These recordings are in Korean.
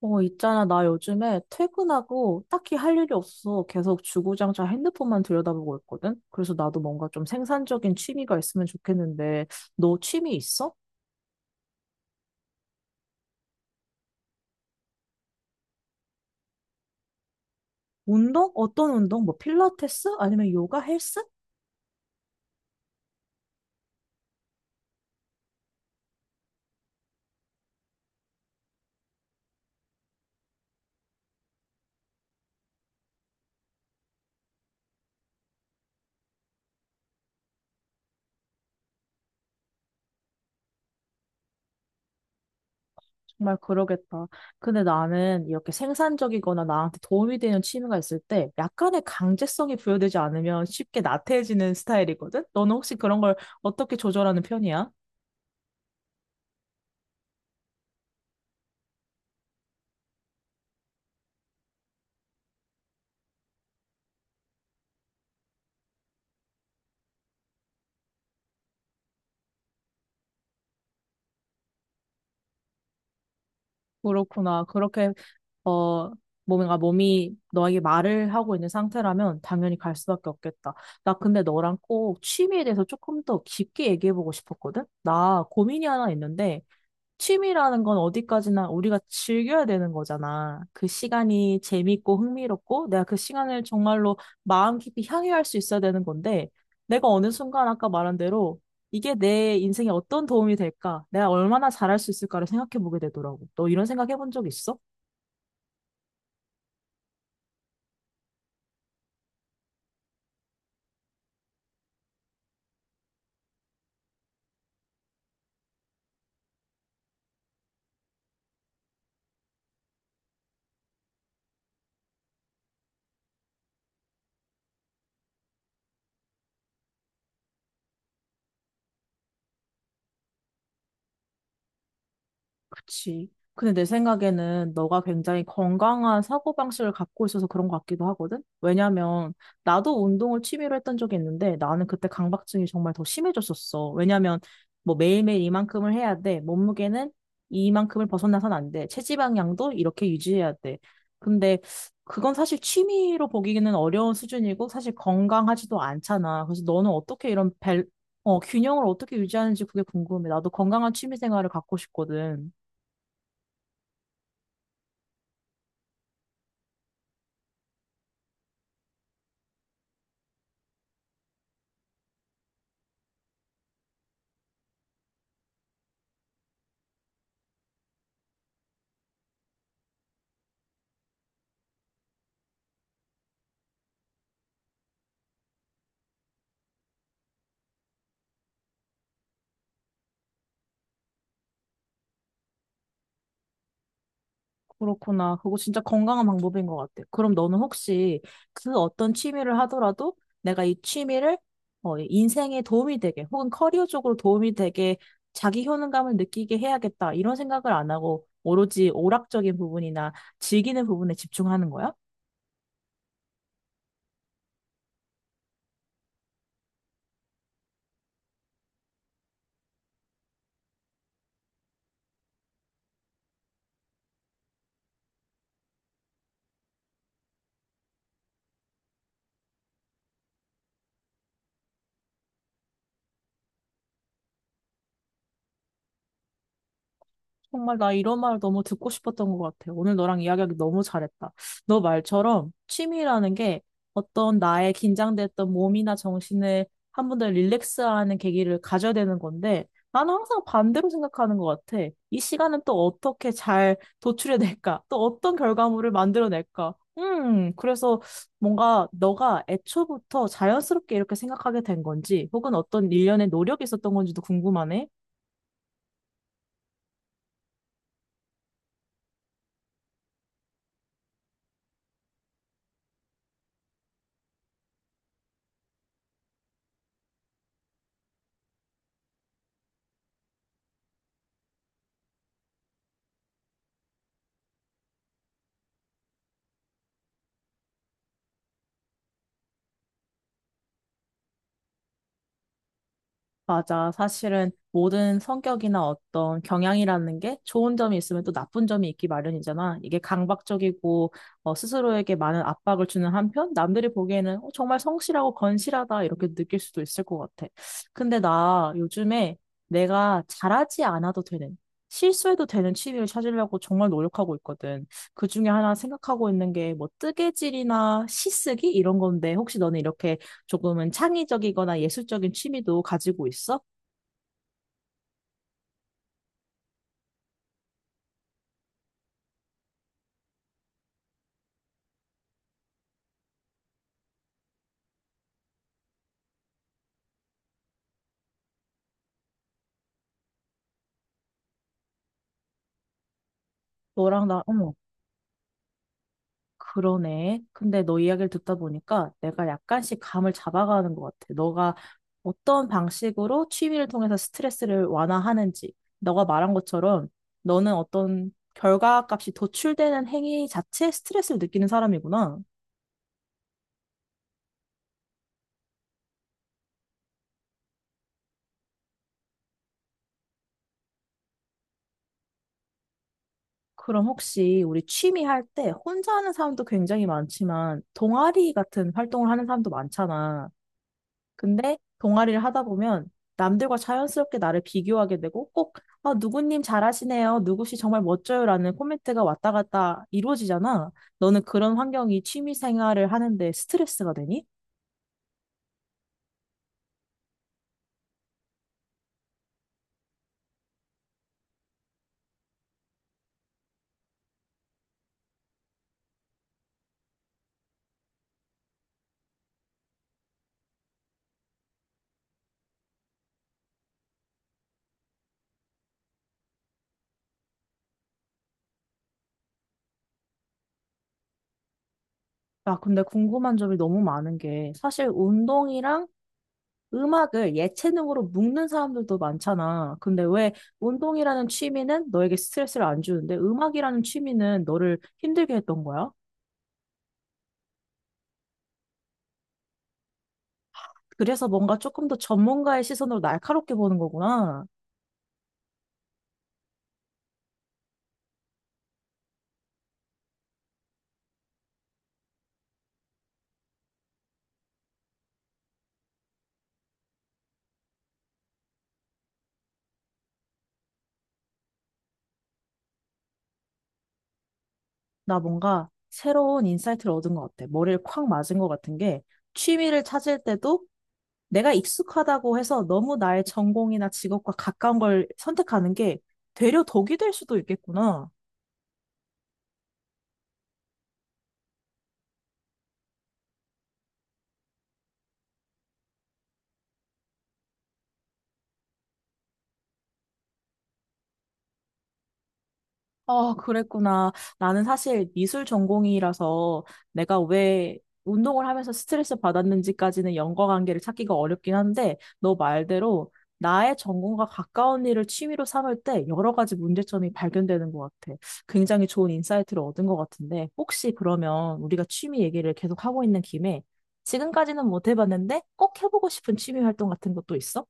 있잖아. 나 요즘에 퇴근하고 딱히 할 일이 없어. 계속 주구장창 핸드폰만 들여다보고 있거든? 그래서 나도 뭔가 좀 생산적인 취미가 있으면 좋겠는데, 너 취미 있어? 운동? 어떤 운동? 뭐 필라테스? 아니면 요가 헬스? 정말 그러겠다. 근데 나는 이렇게 생산적이거나 나한테 도움이 되는 취미가 있을 때 약간의 강제성이 부여되지 않으면 쉽게 나태해지는 스타일이거든? 너는 혹시 그런 걸 어떻게 조절하는 편이야? 그렇구나. 어, 뭔가 몸이 너에게 말을 하고 있는 상태라면 당연히 갈 수밖에 없겠다. 나 근데 너랑 꼭 취미에 대해서 조금 더 깊게 얘기해보고 싶었거든? 나 고민이 하나 있는데, 취미라는 건 어디까지나 우리가 즐겨야 되는 거잖아. 그 시간이 재밌고 흥미롭고, 내가 그 시간을 정말로 마음 깊이 향유할 수 있어야 되는 건데, 내가 어느 순간 아까 말한 대로 이게 내 인생에 어떤 도움이 될까? 내가 얼마나 잘할 수 있을까를 생각해보게 되더라고. 너 이런 생각 해본 적 있어? 그치. 근데 내 생각에는 너가 굉장히 건강한 사고방식을 갖고 있어서 그런 것 같기도 하거든? 왜냐면 나도 운동을 취미로 했던 적이 있는데 나는 그때 강박증이 정말 더 심해졌었어. 왜냐면 뭐 매일매일 이만큼을 해야 돼. 몸무게는 이만큼을 벗어나선 안 돼. 체지방량도 이렇게 유지해야 돼. 근데 그건 사실 취미로 보기에는 어려운 수준이고 사실 건강하지도 않잖아. 그래서 너는 어떻게 균형을 어떻게 유지하는지 그게 궁금해. 나도 건강한 취미 생활을 갖고 싶거든. 그렇구나. 그거 진짜 건강한 방법인 것 같아. 그럼 너는 혹시 그 어떤 취미를 하더라도 내가 이 취미를 인생에 도움이 되게 혹은 커리어 쪽으로 도움이 되게 자기 효능감을 느끼게 해야겠다. 이런 생각을 안 하고 오로지 오락적인 부분이나 즐기는 부분에 집중하는 거야? 정말 나 이런 말 너무 듣고 싶었던 것 같아. 오늘 너랑 이야기하기 너무 잘했다. 너 말처럼 취미라는 게 어떤 나의 긴장됐던 몸이나 정신을 한 번 더 릴렉스하는 계기를 가져야 되는 건데 나는 항상 반대로 생각하는 것 같아. 이 시간은 또 어떻게 잘 도출해낼까? 또 어떤 결과물을 만들어낼까? 그래서 뭔가 너가 애초부터 자연스럽게 이렇게 생각하게 된 건지 혹은 어떤 일련의 노력이 있었던 건지도 궁금하네. 맞아. 사실은 모든 성격이나 어떤 경향이라는 게 좋은 점이 있으면 또 나쁜 점이 있기 마련이잖아. 이게 강박적이고 스스로에게 많은 압박을 주는 한편 남들이 보기에는 정말 성실하고 건실하다 이렇게 느낄 수도 있을 것 같아. 근데 나 요즘에 내가 잘하지 않아도 되는 실수해도 되는 취미를 찾으려고 정말 노력하고 있거든. 그 중에 하나 생각하고 있는 게 뭐 뜨개질이나 시쓰기 이런 건데 혹시 너는 이렇게 조금은 창의적이거나 예술적인 취미도 가지고 있어? 너랑 나, 어. 그러네. 근데 너 이야기를 듣다 보니까 내가 약간씩 감을 잡아가는 것 같아. 너가 어떤 방식으로 취미를 통해서 스트레스를 완화하는지. 너가 말한 것처럼 너는 어떤 결과값이 도출되는 행위 자체에 스트레스를 느끼는 사람이구나. 그럼 혹시 우리 취미 할 때 혼자 하는 사람도 굉장히 많지만 동아리 같은 활동을 하는 사람도 많잖아. 근데 동아리를 하다 보면 남들과 자연스럽게 나를 비교하게 되고 꼭 아, 누구님 잘하시네요. 누구씨 정말 멋져요라는 코멘트가 왔다 갔다 이루어지잖아. 너는 그런 환경이 취미 생활을 하는데 스트레스가 되니? 아, 근데 궁금한 점이 너무 많은 게 사실 운동이랑 음악을 예체능으로 묶는 사람들도 많잖아. 근데 왜 운동이라는 취미는 너에게 스트레스를 안 주는데 음악이라는 취미는 너를 힘들게 했던 거야? 그래서 뭔가 조금 더 전문가의 시선으로 날카롭게 보는 거구나. 나 뭔가 새로운 인사이트를 얻은 것 같아. 머리를 콱 맞은 것 같은 게 취미를 찾을 때도 내가 익숙하다고 해서 너무 나의 전공이나 직업과 가까운 걸 선택하는 게 되려 덕이 될 수도 있겠구나. 아, 그랬구나. 나는 사실 미술 전공이라서 내가 왜 운동을 하면서 스트레스 받았는지까지는 연관 관계를 찾기가 어렵긴 한데, 너 말대로 나의 전공과 가까운 일을 취미로 삼을 때 여러 가지 문제점이 발견되는 것 같아. 굉장히 좋은 인사이트를 얻은 것 같은데, 혹시 그러면 우리가 취미 얘기를 계속 하고 있는 김에 지금까지는 못 해봤는데 꼭 해보고 싶은 취미 활동 같은 것도 있어?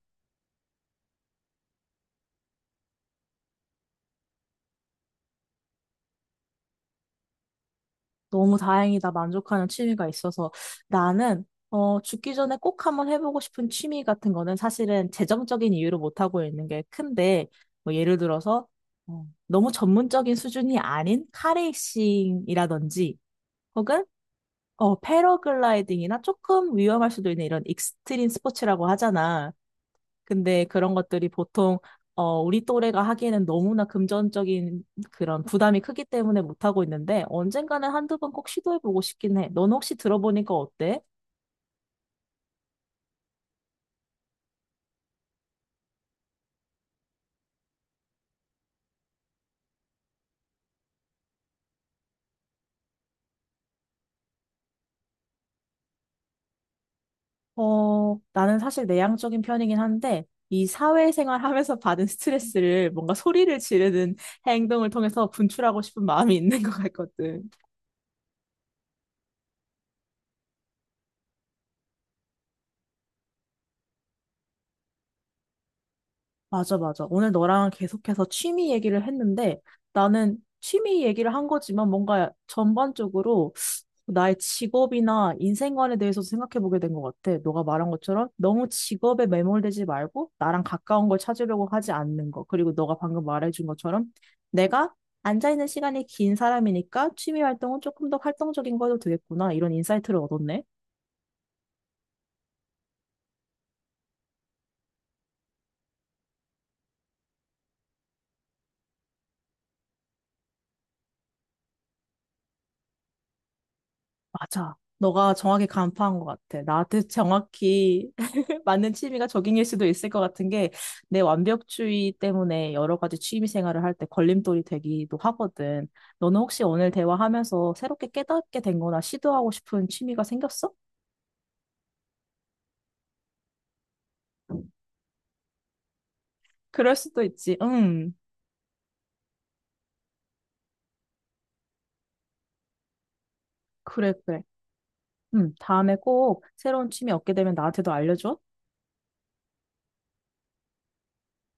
너무 다행이다. 만족하는 취미가 있어서 나는 죽기 전에 꼭 한번 해보고 싶은 취미 같은 거는 사실은 재정적인 이유로 못하고 있는 게 큰데 뭐 예를 들어서 너무 전문적인 수준이 아닌 카레이싱이라든지 혹은 패러글라이딩이나 조금 위험할 수도 있는 이런 익스트림 스포츠라고 하잖아. 근데 그런 것들이 보통 우리 또래가 하기에는 너무나 금전적인 그런 부담이 크기 때문에 못하고 있는데 언젠가는 한두 번 꼭 시도해보고 싶긴 해. 넌 혹시 들어보니까 어때? 나는 사실 내향적인 편이긴 한데, 이 사회생활 하면서 받은 스트레스를 뭔가 소리를 지르는 행동을 통해서 분출하고 싶은 마음이 있는 것 같거든. 맞아, 맞아. 오늘 너랑 계속해서 취미 얘기를 했는데 나는 취미 얘기를 한 거지만 뭔가 전반적으로 나의 직업이나 인생관에 대해서 생각해 보게 된 것 같아. 너가 말한 것처럼 너무 직업에 매몰되지 말고 나랑 가까운 걸 찾으려고 하지 않는 거. 그리고 너가 방금 말해준 것처럼 내가 앉아있는 시간이 긴 사람이니까 취미 활동은 조금 더 활동적인 거 해도 되겠구나. 이런 인사이트를 얻었네. 맞아. 너가 정확히 간파한 것 같아. 나한테 정확히 맞는 취미가 조깅일 수도 있을 것 같은 게 내 완벽주의 때문에 여러 가지 취미 생활을 할 때 걸림돌이 되기도 하거든. 너는 혹시 오늘 대화하면서 새롭게 깨닫게 된 거나 시도하고 싶은 취미가 생겼어? 그럴 수도 있지. 응. 그래, 그래. 응. 다음에 꼭 새로운 취미 얻게 되면 나한테도 알려줘.